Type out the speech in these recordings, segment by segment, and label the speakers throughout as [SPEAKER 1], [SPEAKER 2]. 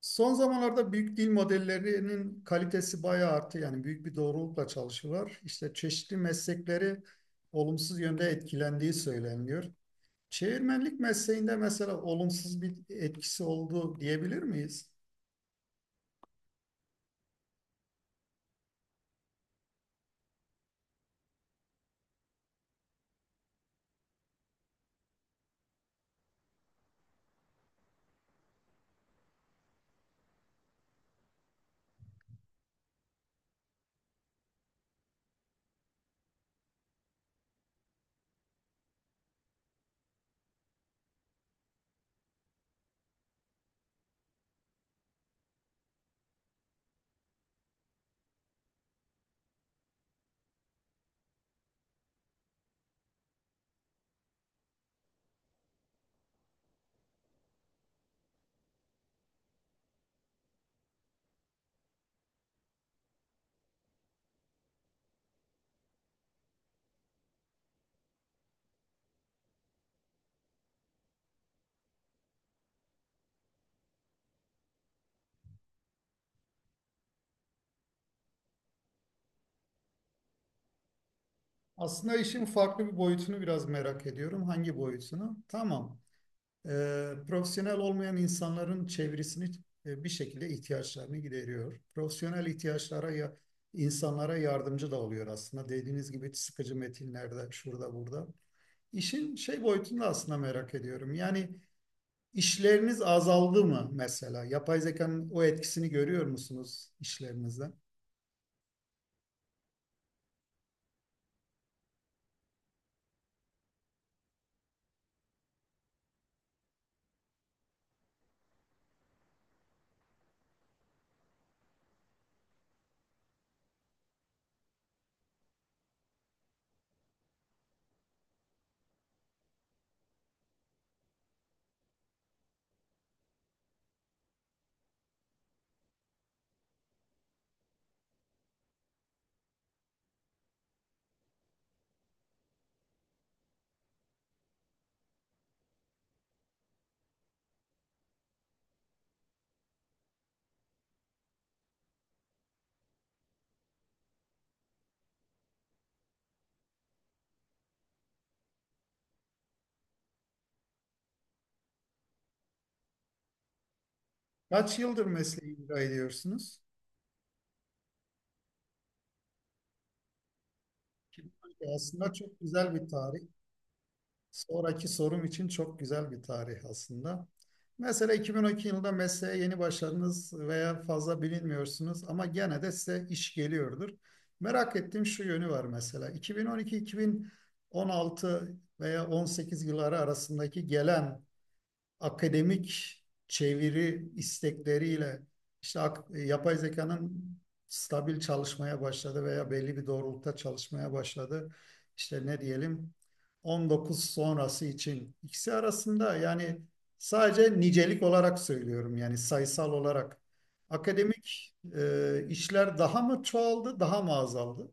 [SPEAKER 1] Son zamanlarda büyük dil modellerinin kalitesi bayağı arttı. Yani büyük bir doğrulukla çalışıyorlar. İşte çeşitli meslekleri olumsuz yönde etkilendiği söyleniyor. Çevirmenlik mesleğinde mesela olumsuz bir etkisi oldu diyebilir miyiz? Aslında işin farklı bir boyutunu biraz merak ediyorum. Hangi boyutunu? Tamam. E, profesyonel olmayan insanların çevresini bir şekilde ihtiyaçlarını gideriyor. Profesyonel ihtiyaçlara ya insanlara yardımcı da oluyor aslında. Dediğiniz gibi sıkıcı metinlerde, şurada burada. İşin şey boyutunda aslında merak ediyorum. Yani işleriniz azaldı mı mesela? Yapay zekanın o etkisini görüyor musunuz işlerinizde? Kaç yıldır mesleği icra ediyorsunuz? Aslında çok güzel bir tarih. Sonraki sorum için çok güzel bir tarih aslında. Mesela 2012 yılında mesleğe yeni başladınız veya fazla bilinmiyorsunuz ama gene de size iş geliyordur. Merak ettiğim şu yönü var mesela. 2012-2016 veya 18 yılları arasındaki gelen akademik çeviri istekleriyle işte yapay zekanın stabil çalışmaya başladı veya belli bir doğrultuda çalışmaya başladı. İşte ne diyelim 19 sonrası için ikisi arasında yani sadece nicelik olarak söylüyorum yani sayısal olarak. Akademik işler daha mı çoğaldı, daha mı azaldı?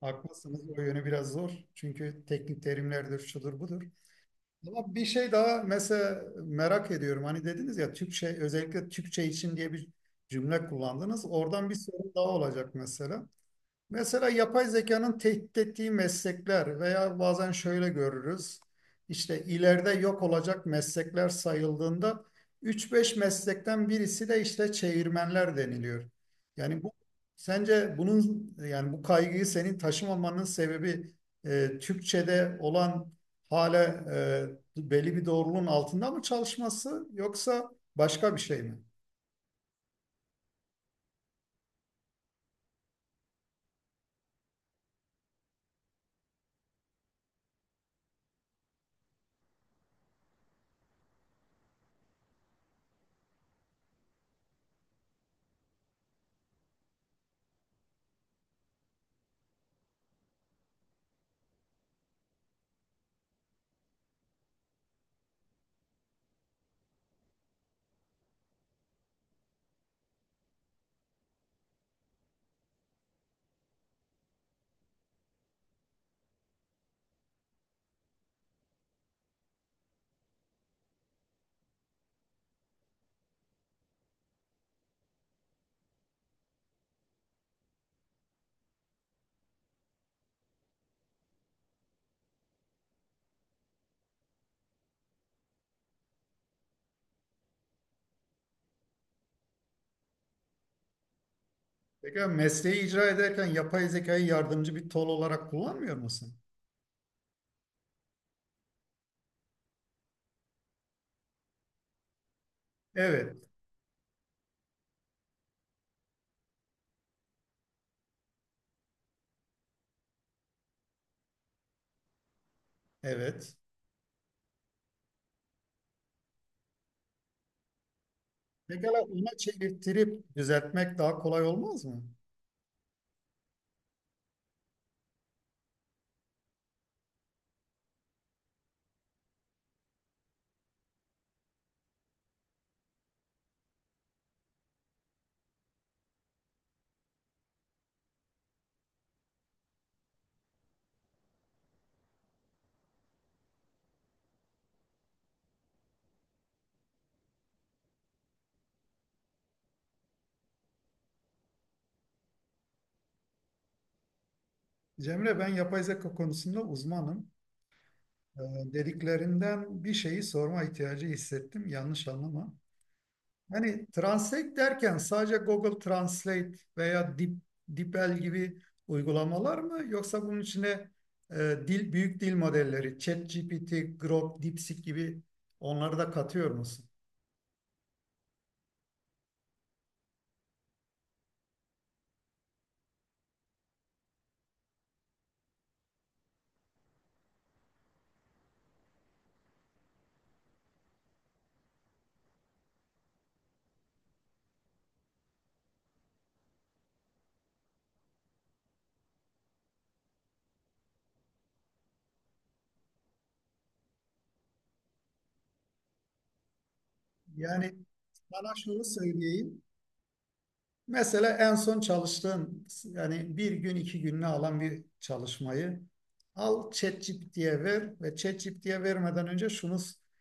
[SPEAKER 1] Haklısınız, o yönü biraz zor. Çünkü teknik terimlerdir, şudur budur. Ama bir şey daha mesela merak ediyorum. Hani dediniz ya Türkçe özellikle Türkçe için diye bir cümle kullandınız. Oradan bir sorun daha olacak mesela. Mesela yapay zekanın tehdit ettiği meslekler veya bazen şöyle görürüz. İşte ileride yok olacak meslekler sayıldığında üç beş meslekten birisi de işte çevirmenler deniliyor. Yani bu sence bunun yani bu kaygıyı senin taşımamanın sebebi Türkçe'de olan hala e, belli bir doğruluğun altında mı çalışması yoksa başka bir şey mi? Peki mesleği icra ederken yapay zekayı yardımcı bir tol olarak kullanmıyor musun? Evet, evet. Pekala ona çevirtirip düzeltmek daha kolay olmaz mı? Cemre, ben yapay zeka konusunda uzmanım. Dediklerinden bir şeyi sorma ihtiyacı hissettim. Yanlış anlama. Hani translate derken sadece Google Translate veya DeepL gibi uygulamalar mı? Yoksa bunun içine e, dil, büyük dil modelleri, ChatGPT, Grok, DeepSeek gibi onları da katıyor musun? Yani sana şunu söyleyeyim. Mesela en son çalıştığın yani bir gün iki gününü alan bir çalışmayı al ChatGPT'ye ver ve ChatGPT'ye vermeden önce şunu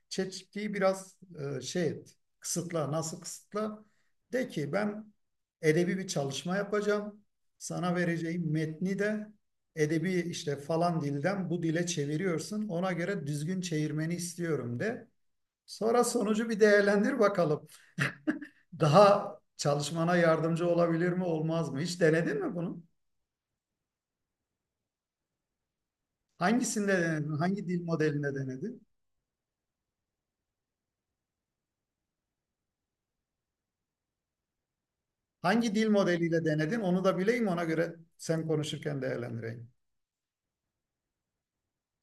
[SPEAKER 1] ChatGPT'yi biraz şey et, kısıtla, nasıl kısıtla? De ki ben edebi bir çalışma yapacağım, sana vereceğim metni de edebi, işte falan dilden bu dile çeviriyorsun, ona göre düzgün çevirmeni istiyorum de. Sonra sonucu bir değerlendir bakalım. Daha çalışmana yardımcı olabilir mi, olmaz mı? Hiç denedin mi bunu? Hangisinde denedin? Hangi dil modelinde denedin? Hangi dil modeliyle denedin? Onu da bileyim, ona göre sen konuşurken değerlendireyim.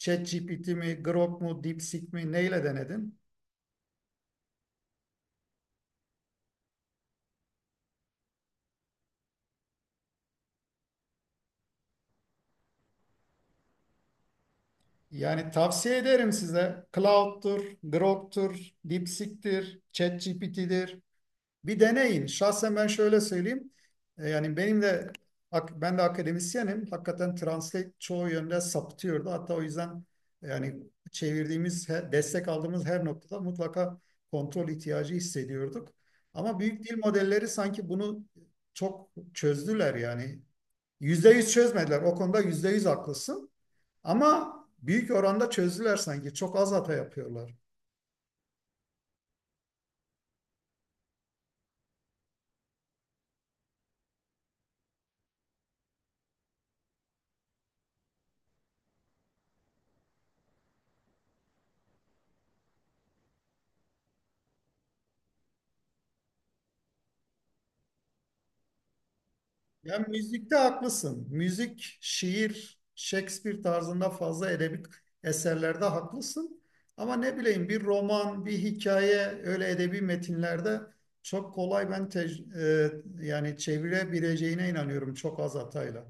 [SPEAKER 1] ChatGPT mi, Grok mu, DeepSeek mi, neyle denedin? Yani tavsiye ederim size. Cloud'tur, Grok'tur, DeepSeek'tir, ChatGPT'dir, bir deneyin. Şahsen ben şöyle söyleyeyim. Yani benim de, ben de akademisyenim. Hakikaten translate çoğu yönde saptıyordu. Hatta o yüzden yani çevirdiğimiz, destek aldığımız her noktada mutlaka kontrol ihtiyacı hissediyorduk. Ama büyük dil modelleri sanki bunu çok çözdüler yani. Yüzde yüz çözmediler. O konuda yüzde yüz haklısın. Ama büyük oranda çözdüler sanki. Çok az hata yapıyorlar. Ya müzikte haklısın. Müzik, şiir, Shakespeare tarzında fazla edebi eserlerde haklısın. Ama ne bileyim bir roman, bir hikaye öyle edebi metinlerde çok kolay ben yani çevirebileceğine inanıyorum çok az hatayla.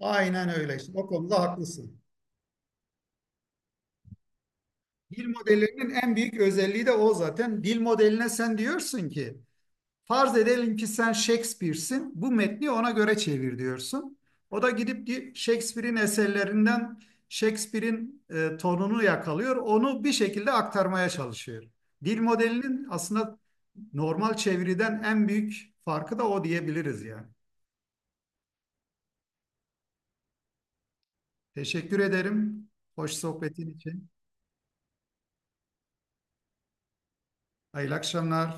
[SPEAKER 1] Aynen öyle işte. O konuda haklısın. Dil modellerinin en büyük özelliği de o zaten. Dil modeline sen diyorsun ki farz edelim ki sen Shakespeare'sin. Bu metni ona göre çevir diyorsun. O da gidip Shakespeare'in eserlerinden Shakespeare'in tonunu yakalıyor. Onu bir şekilde aktarmaya çalışıyor. Dil modelinin aslında normal çeviriden en büyük farkı da o diyebiliriz yani. Teşekkür ederim. Hoş sohbetin için. Hayırlı akşamlar.